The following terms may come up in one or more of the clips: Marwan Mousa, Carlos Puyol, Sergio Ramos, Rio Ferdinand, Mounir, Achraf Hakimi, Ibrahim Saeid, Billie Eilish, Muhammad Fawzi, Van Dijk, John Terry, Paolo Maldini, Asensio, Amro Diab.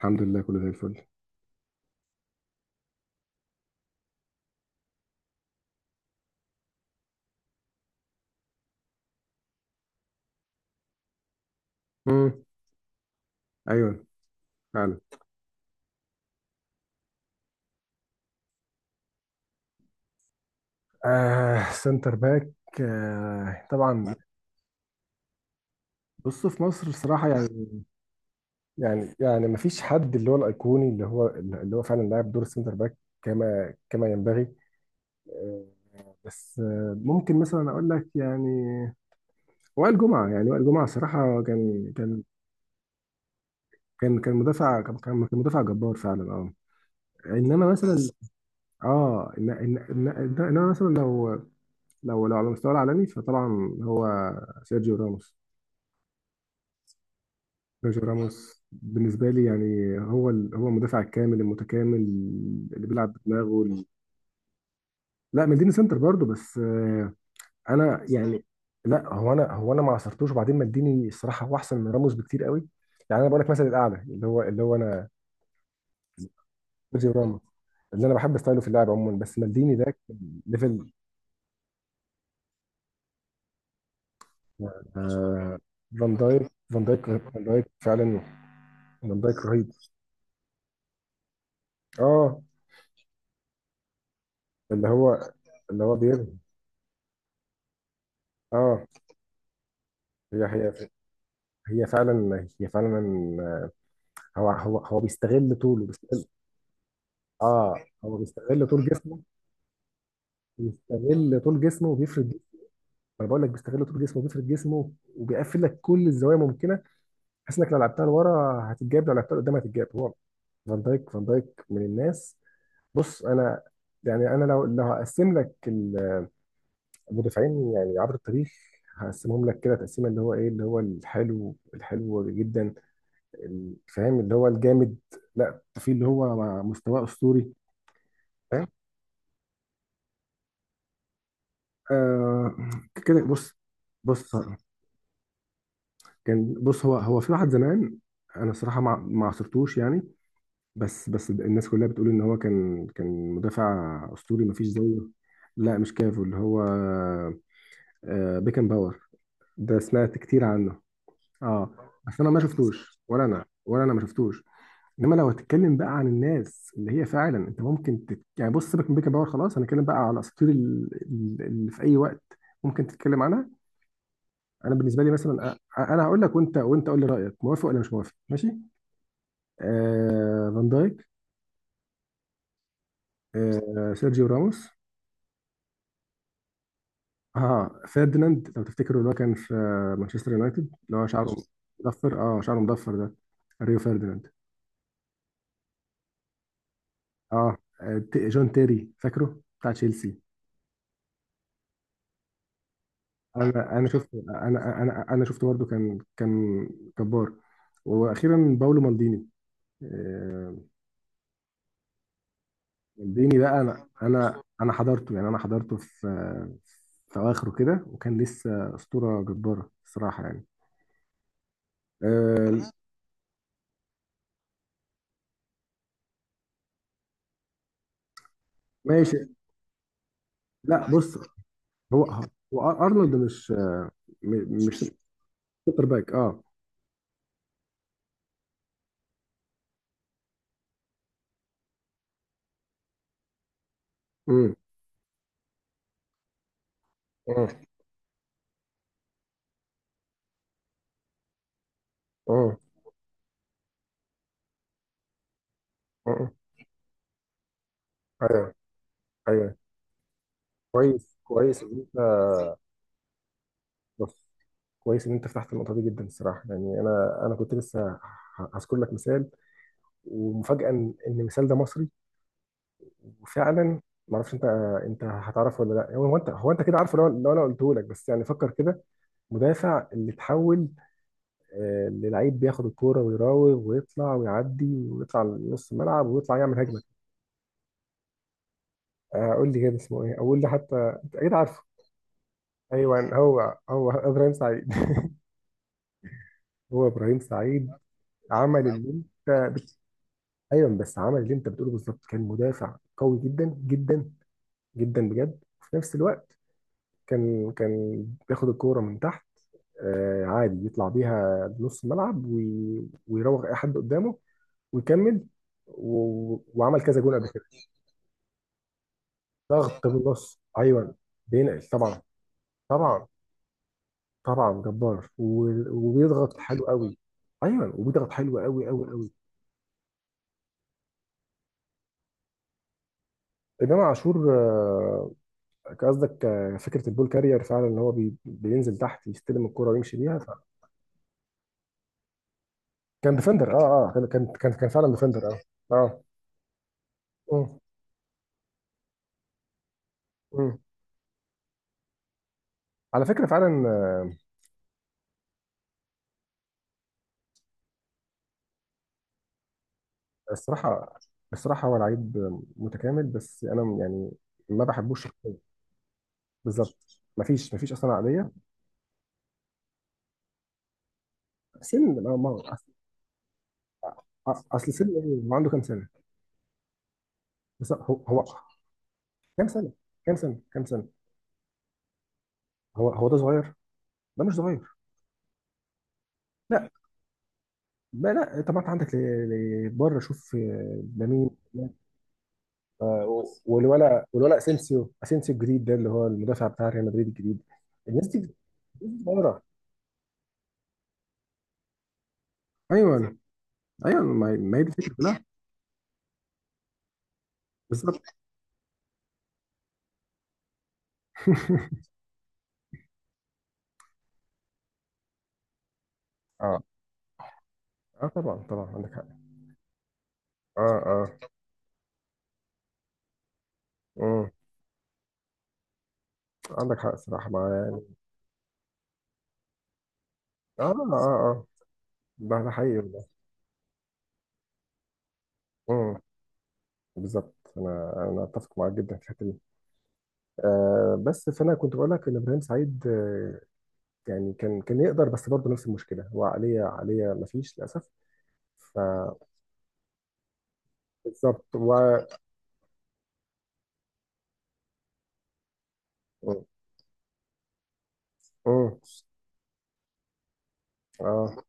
الحمد لله، كله زي الفل. امم. ايوه. فعلا. آه، سنتر باك. آه، طبعا. بصوا، في مصر الصراحه يعني. يعني ما فيش حد اللي هو الايقوني اللي هو فعلا لاعب دور السنتر باك كما ينبغي. آه، بس ممكن مثلا اقول لك يعني وائل جمعه. يعني وائل جمعه صراحه كان. كان مدافع. كان مدافع جبار فعلا. اه، انما مثلا انما مثلا لو. لو على المستوى العالمي فطبعا هو سيرجيو راموس. سيرجيو راموس بالنسبة لي يعني هو هو المدافع الكامل المتكامل اللي بيلعب بدماغه لا، مالديني سنتر برضه، بس انا يعني. لا، هو انا ما عصرتوش. وبعدين مالديني الصراحة هو احسن من راموس بكتير قوي. يعني انا بقول لك مثلا الاعلى اللي هو انا سيرجيو راموس. اللي انا بحب ستايله في اللعب عموما، بس مالديني ده كان ليفل. آه، فان دايك. فان دايك فعلا. فان دايك رهيب. اه، اللي هو بينهي. اه. هي هي فعلا. هي فعلا. هو بيستغل طوله. بيستغل. اه، هو بيستغل طول جسمه. بيستغل طول جسمه وبيفرد جسمه. انا بقول لك، بيستغل طول جسمه وبيفرد جسمه وبيقفل لك كل الزوايا ممكنه، بحيث انك لو لعبتها لورا هتتجاب، لو لعبتها لقدام هتتجاب. هو فان دايك. فان دايك من الناس. بص، انا يعني انا لو هقسم لك المدافعين يعني عبر التاريخ، هقسمهم لك كده تقسيمه اللي هو ايه، اللي هو الحلو، الحلو جدا. فاهم؟ اللي هو الجامد. لا، في اللي هو مستواه اسطوري. فاهم؟ آه. كده بص. بص. كان بص، هو في واحد زمان انا صراحه ما عصرتوش يعني، بس الناس كلها بتقول ان هو كان مدافع اسطوري ما فيش زيه. لا، مش كافو، اللي هو آه، بيكن باور. ده سمعت كتير عنه. اه، بس انا ما شفتوش. ولا انا ما شفتوش. انما لو هتتكلم بقى عن الناس اللي هي فعلا انت ممكن يعني بص، سيبك من بيكن باور خلاص، هنتكلم بقى على الاساطير اللي في اي وقت ممكن تتكلم عنها. انا بالنسبه لي مثلا انا هقول لك وانت قول لي رايك، موافق ولا مش موافق، ماشي؟ آه، فان دايك. آه، سيرجيو راموس. اه، فيرديناند. لو تفتكروا اللي هو كان في آه، مانشستر يونايتد، اللي هو شعره مضفر. اه، شعره مضفر ده، ريو فيرديناند. اه، جون تيري، فاكره بتاع تشيلسي؟ انا شفت. انا شفت برضه. كان جبار. واخيرا باولو مالديني. آه، مالديني ده انا حضرته يعني، انا حضرته في في اواخره كده، وكان لسه اسطوره جباره الصراحه يعني. آه، ماشي. لا، بص، هو هو ارنولد مش مش سوبر باك. اه. امم. اه. اه. آه. آه. ايوه. ايوه. كويس. كويس ان انت، كويس ان انت فتحت النقطه دي، جدا الصراحه يعني. انا كنت لسه هذكر لك مثال. ومفاجاه ان إن المثال ده مصري وفعلا ما اعرفش انت، انت هتعرفه ولا لا؟ هو انت، هو انت كده عارفه. لو انا قلته لك. بس يعني فكر كده، مدافع اللي اتحول آه، للعيب، بياخد الكوره ويراوغ ويطلع ويعدي ويطلع لنص الملعب ويطلع يعمل هجمه. آه، قول لي كده اسمه ايه، اقول لي حتى. انت اكيد عارفه. ايوه، هو هو ابراهيم سعيد. هو ابراهيم سعيد. عمل اللي انت، ايوه، بس عمل اللي انت بتقوله بالظبط. كان مدافع قوي جدا جدا جدا بجد، وفي نفس الوقت كان بياخد الكوره من تحت. آه، عادي يطلع بيها بنص الملعب، ويراوغ اي حد قدامه ويكمل. و... وعمل كذا جون قبل كده. ضغط بالنص، ايوه. بينقل طبعا. طبعا. طبعا جبار، و... وبيضغط حلو قوي. ايوه، وبيضغط حلو، قوي قوي قوي. انما عاشور آه، قصدك آه، فكره البول كارير. فعلا، ان هو بي بينزل تحت يستلم الكرة ويمشي بيها ف... كان ديفندر. اه. اه، كان فعلا ديفندر. اه. اه. مم. مم. على فكره فعلا آه، الصراحه. الصراحه هو لعيب متكامل، بس انا يعني ما بحبوش شخصيا. بالظبط، ما فيش اصلا عقليه. سن ما اصل. أصل سن ايه، هو عنده كام سنه؟ بس هو كام سنه؟ كام سنه؟ كام سنه؟ هو ده صغير؟ ده مش صغير. لا لا لا. طب ما انت عندك بره. شوف آه، لامين. آه، بس والولا اسينسيو. اسينسيو الجديد ده، اللي هو المدافع بتاع ريال مدريد الجديد. الناس دي، الناس دي صغيره. ايوه، بالظبط. ايوه، ما هي دي الفكره كلها. بالظبط. اه. اه، طبعا. طبعا عندك حق. اه. اه. امم. عندك حق الصراحه، مع يعني. اه. اه. اه. ده ده حقيقي والله. امم. بالظبط، انا اتفق معاك جدا في الحته دي. آه، بس فانا كنت بقول لك ان ابراهيم سعيد آه، يعني كان يقدر، بس برضه نفس المشكله، هو عقليه. عقليه ما فيش للاسف. فبالظبط. امم. اه.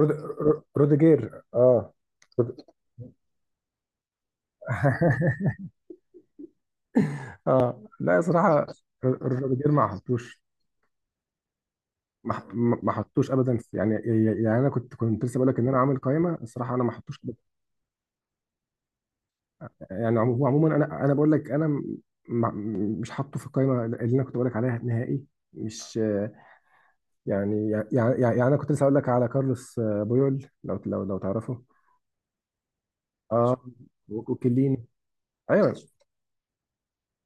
رود... روديجير. اه. رود... اه لا، صراحة، روديجير ما حطوش. ما حطوش ابدا يعني. يعني انا كنت لسه بقول لك ان انا عامل قائمه الصراحه، انا ما حطوش. يعني هو عموما انا بقول لك انا ما- مش حاطه في القائمه اللي انا كنت بقول لك عليها نهائي. مش آه، يعني انا كنت لسه اقول لك على كارلوس آه، بويول. لو تعرفه. اه. وكليني. ايوه.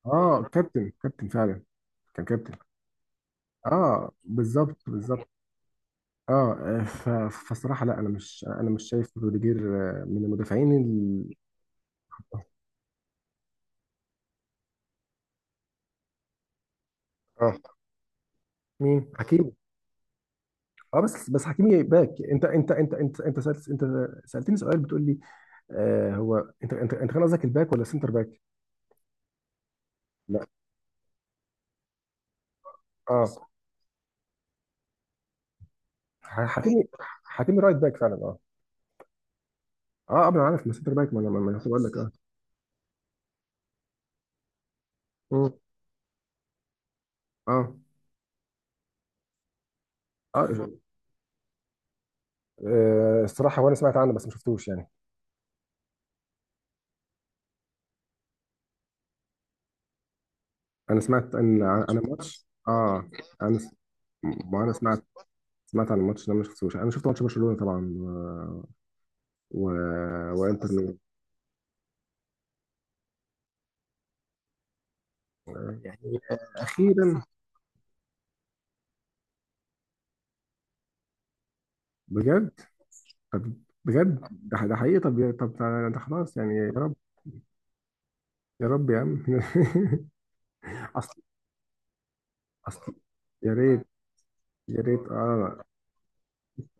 اه، كابتن. كابتن فعلا. كان كابتن. اه، بالظبط. بالظبط. اه، فصراحه لا، انا مش، انا مش شايف روديجير آه، من المدافعين اه. مين، حكيمي؟ اه، بس حكيمي باك. انت سألت، انت سألتني سؤال بتقول لي آه، هو انت كان قصدك الباك ولا السنتر باك؟ لا. اه. حكيمي. حكيمي رايت باك فعلا، اه. اه، قبل، عارف، ما سنتر باك. ما انا لسه بقول لك. اه. مم. اه. اه. آه، الصراحه، وانا سمعت عنه بس ما شفتوش يعني. انا سمعت ان، انا ماتش، اه. انا س... ما انا سمعت، سمعت عن الماتش ده ما شفتوش. انا شفت ماتش برشلونة طبعا، و... وانتر ميلان. يعني. اخيرا. بجد. طب. بجد، ده ده حقيقي. طب طب ده ده خلاص يعني، يا رب. يا رب يا عم. اصل. اصل. يا ريت. يا ريت، اه.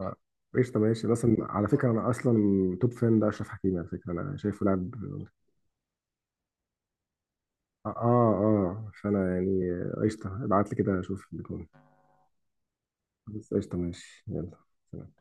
آه. ايش، طب ايش، اصلا على فكره، انا اصلا توب فان ده اشرف حكيمي، على فكره انا شايفه لاعب. اه. اه. آه، فانا يعني قشطه، ابعت لي كده اشوف بيكون. بس قشطة، ماشي، يلا. سلام.